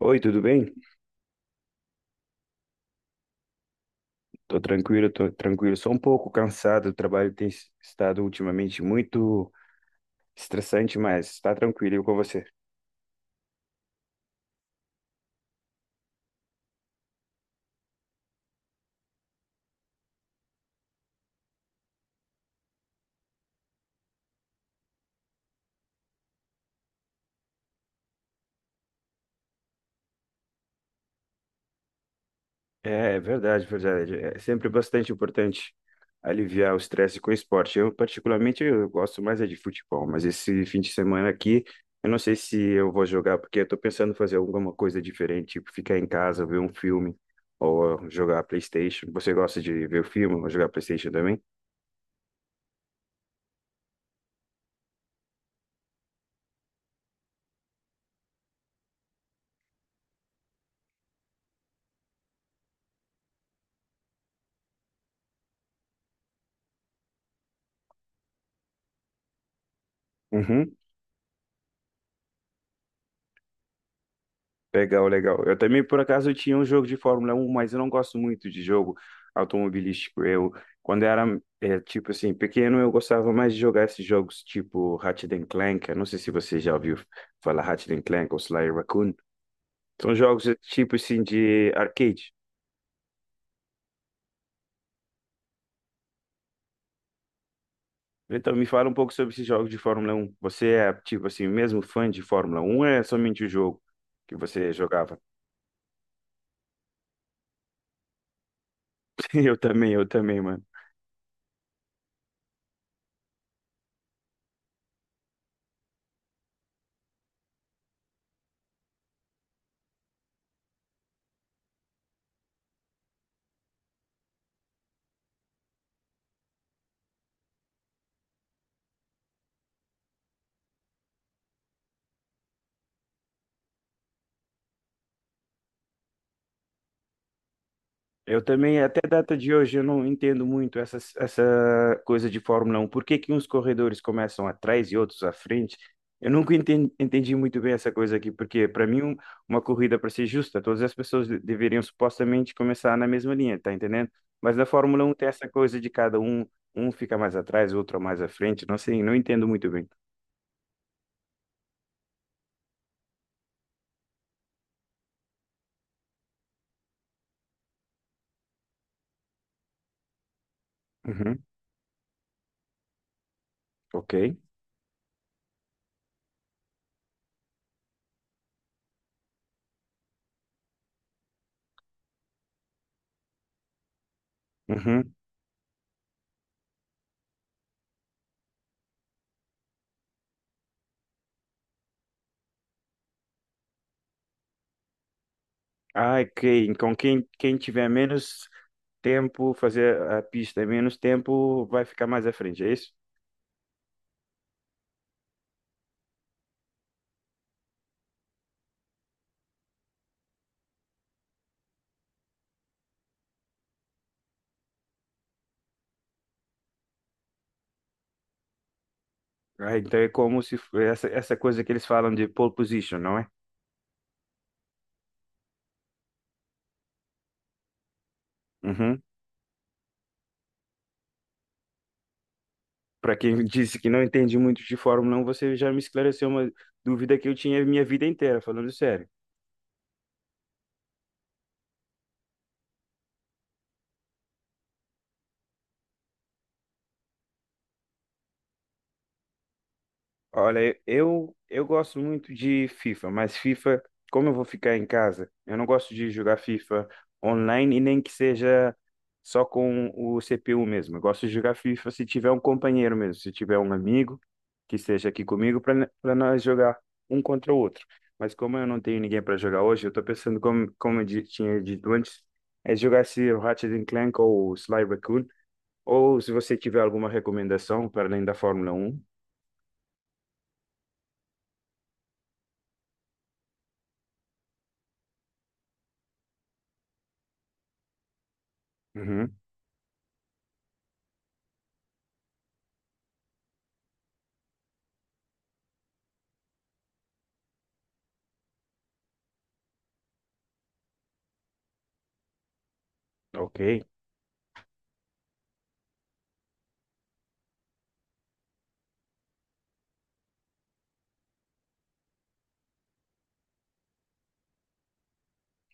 Oi, tudo bem? Tô tranquilo, tô tranquilo. Só um pouco cansado. O trabalho tem estado ultimamente muito estressante, mas tá tranquilo e com você. É, verdade, verdade. É sempre bastante importante aliviar o estresse com esporte. Eu, particularmente, eu gosto mais é de futebol, mas esse fim de semana aqui, eu não sei se eu vou jogar, porque eu tô pensando em fazer alguma coisa diferente, tipo ficar em casa, ver um filme ou jogar PlayStation. Você gosta de ver o filme ou jogar PlayStation também? Uhum. Legal, legal. Eu também, por acaso, tinha um jogo de Fórmula um, mas eu não gosto muito de jogo automobilístico. Eu, quando era, tipo assim, pequeno, eu gostava mais de jogar esses jogos tipo Ratchet and Clank. Eu não sei se você já ouviu falar Ratchet and Clank ou Sly Raccoon. São jogos, tipo assim, de arcade. Então, me fala um pouco sobre esses jogos de Fórmula um. Você é, tipo assim, mesmo fã de Fórmula um ou é somente o jogo que você jogava? Eu também, eu também, eu também, até a data de hoje, eu não entendo muito essa coisa de Fórmula Um. Por que que uns corredores começam atrás e outros à frente? Eu nunca entendi, muito bem essa coisa aqui, porque para mim uma corrida, para ser justa, todas as pessoas deveriam supostamente começar na mesma linha, tá entendendo? Mas na Fórmula Um tem essa coisa de cada um, um fica mais atrás, outro mais à frente, não sei, não entendo muito bem. Uhum, ok. Uhum. Ah, ok. Então quem, quem tiver menos tempo, fazer a pista em menos tempo, vai ficar mais à frente, é isso? Ah, então é como se essa, essa coisa que eles falam de pole position, não é? Uhum. Para quem disse que não entende muito de Fórmula um, você já me esclareceu uma dúvida que eu tinha minha vida inteira, falando sério. Olha, eu gosto muito de FIFA, mas FIFA, como eu vou ficar em casa, eu não gosto de jogar FIFA online e nem que seja só com o CPU mesmo. Eu gosto de jogar FIFA se tiver um companheiro mesmo, se tiver um amigo que esteja aqui comigo para nós jogar um contra o outro. Mas como eu não tenho ninguém para jogar hoje, eu estou pensando, como eu tinha dito antes, é jogar esse Ratchet and Clank ou Sly Raccoon, ou se você tiver alguma recomendação para além da Fórmula Um. Uhum, ok.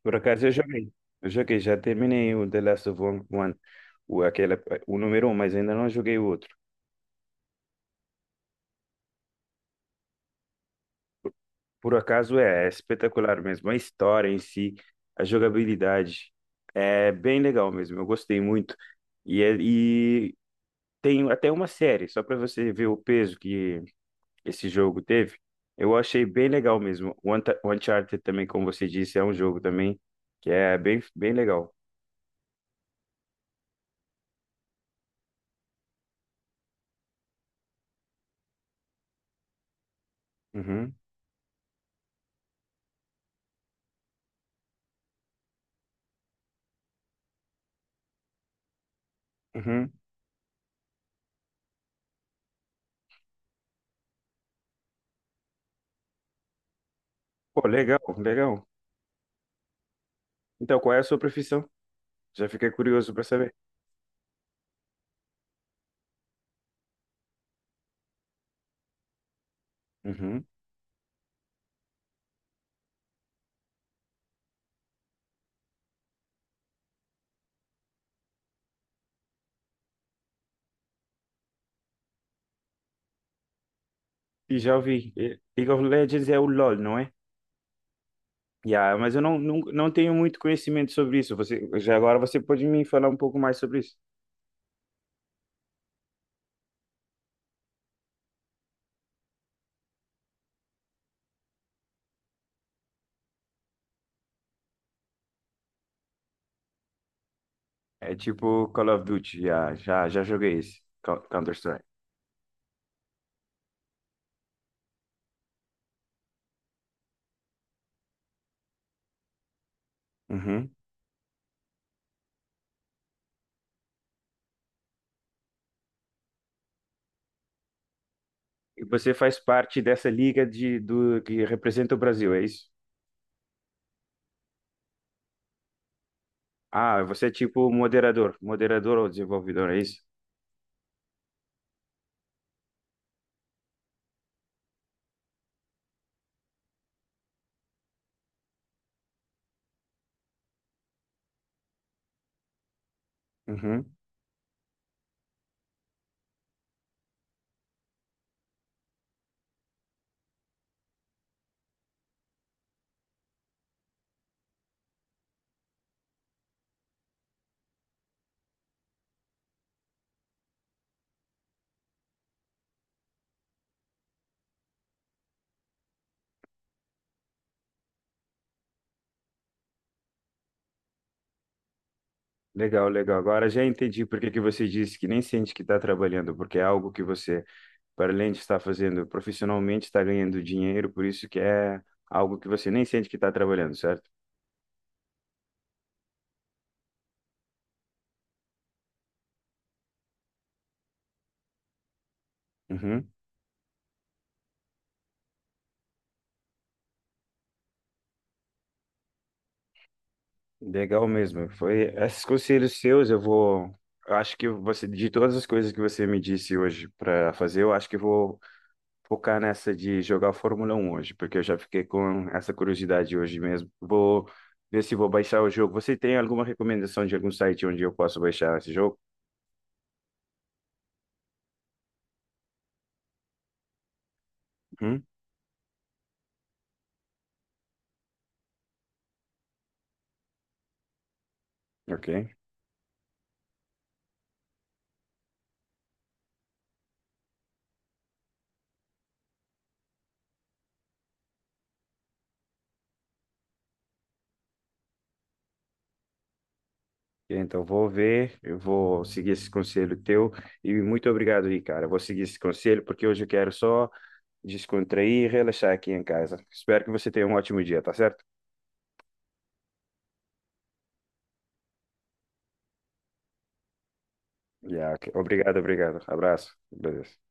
Por acaso eu joguei. Eu joguei, já terminei o The Last of One, o, aquele, o número um, mas ainda não joguei o outro. Por acaso é, é espetacular mesmo. A história em si, a jogabilidade, é bem legal mesmo. Eu gostei muito. E tem até uma série, só para você ver o peso que esse jogo teve. Eu achei bem legal mesmo. O o Uncharted também, como você disse, é um jogo também que é bem, bem legal. Uhum, uhum. Pô, legal, legal. Então, qual é a sua profissão? Já fiquei curioso para saber. Uhum. E já ouvi. League of Legends é o LoL, não é? Yeah, mas eu não, não tenho muito conhecimento sobre isso. Você, já agora você pode me falar um pouco mais sobre isso. É tipo Call of Duty, já, já joguei esse, Counter-Strike. Uhum. E você faz parte dessa liga de, do, que representa o Brasil, é isso? Ah, você é tipo moderador, moderador ou desenvolvedor, é isso? Uhum. Legal, legal. Agora já entendi por que que você disse que nem sente que está trabalhando, porque é algo que você, para além de estar fazendo profissionalmente, está ganhando dinheiro, por isso que é algo que você nem sente que está trabalhando, certo? Uhum. Legal mesmo. Foi esses conselhos seus, eu vou. Eu acho que você, de todas as coisas que você me disse hoje para fazer, eu acho que vou focar nessa de jogar Fórmula 1 hoje, porque eu já fiquei com essa curiosidade hoje mesmo. Vou ver se vou baixar o jogo. Você tem alguma recomendação de algum site onde eu posso baixar esse jogo? Uhum. Ok. Então, vou ver, eu vou seguir esse conselho teu e muito obrigado aí, cara. Vou seguir esse conselho porque hoje eu quero só descontrair e relaxar aqui em casa. Espero que você tenha um ótimo dia, tá certo? Yeah, ok. Obrigado, obrigado. Abraço. Beleza.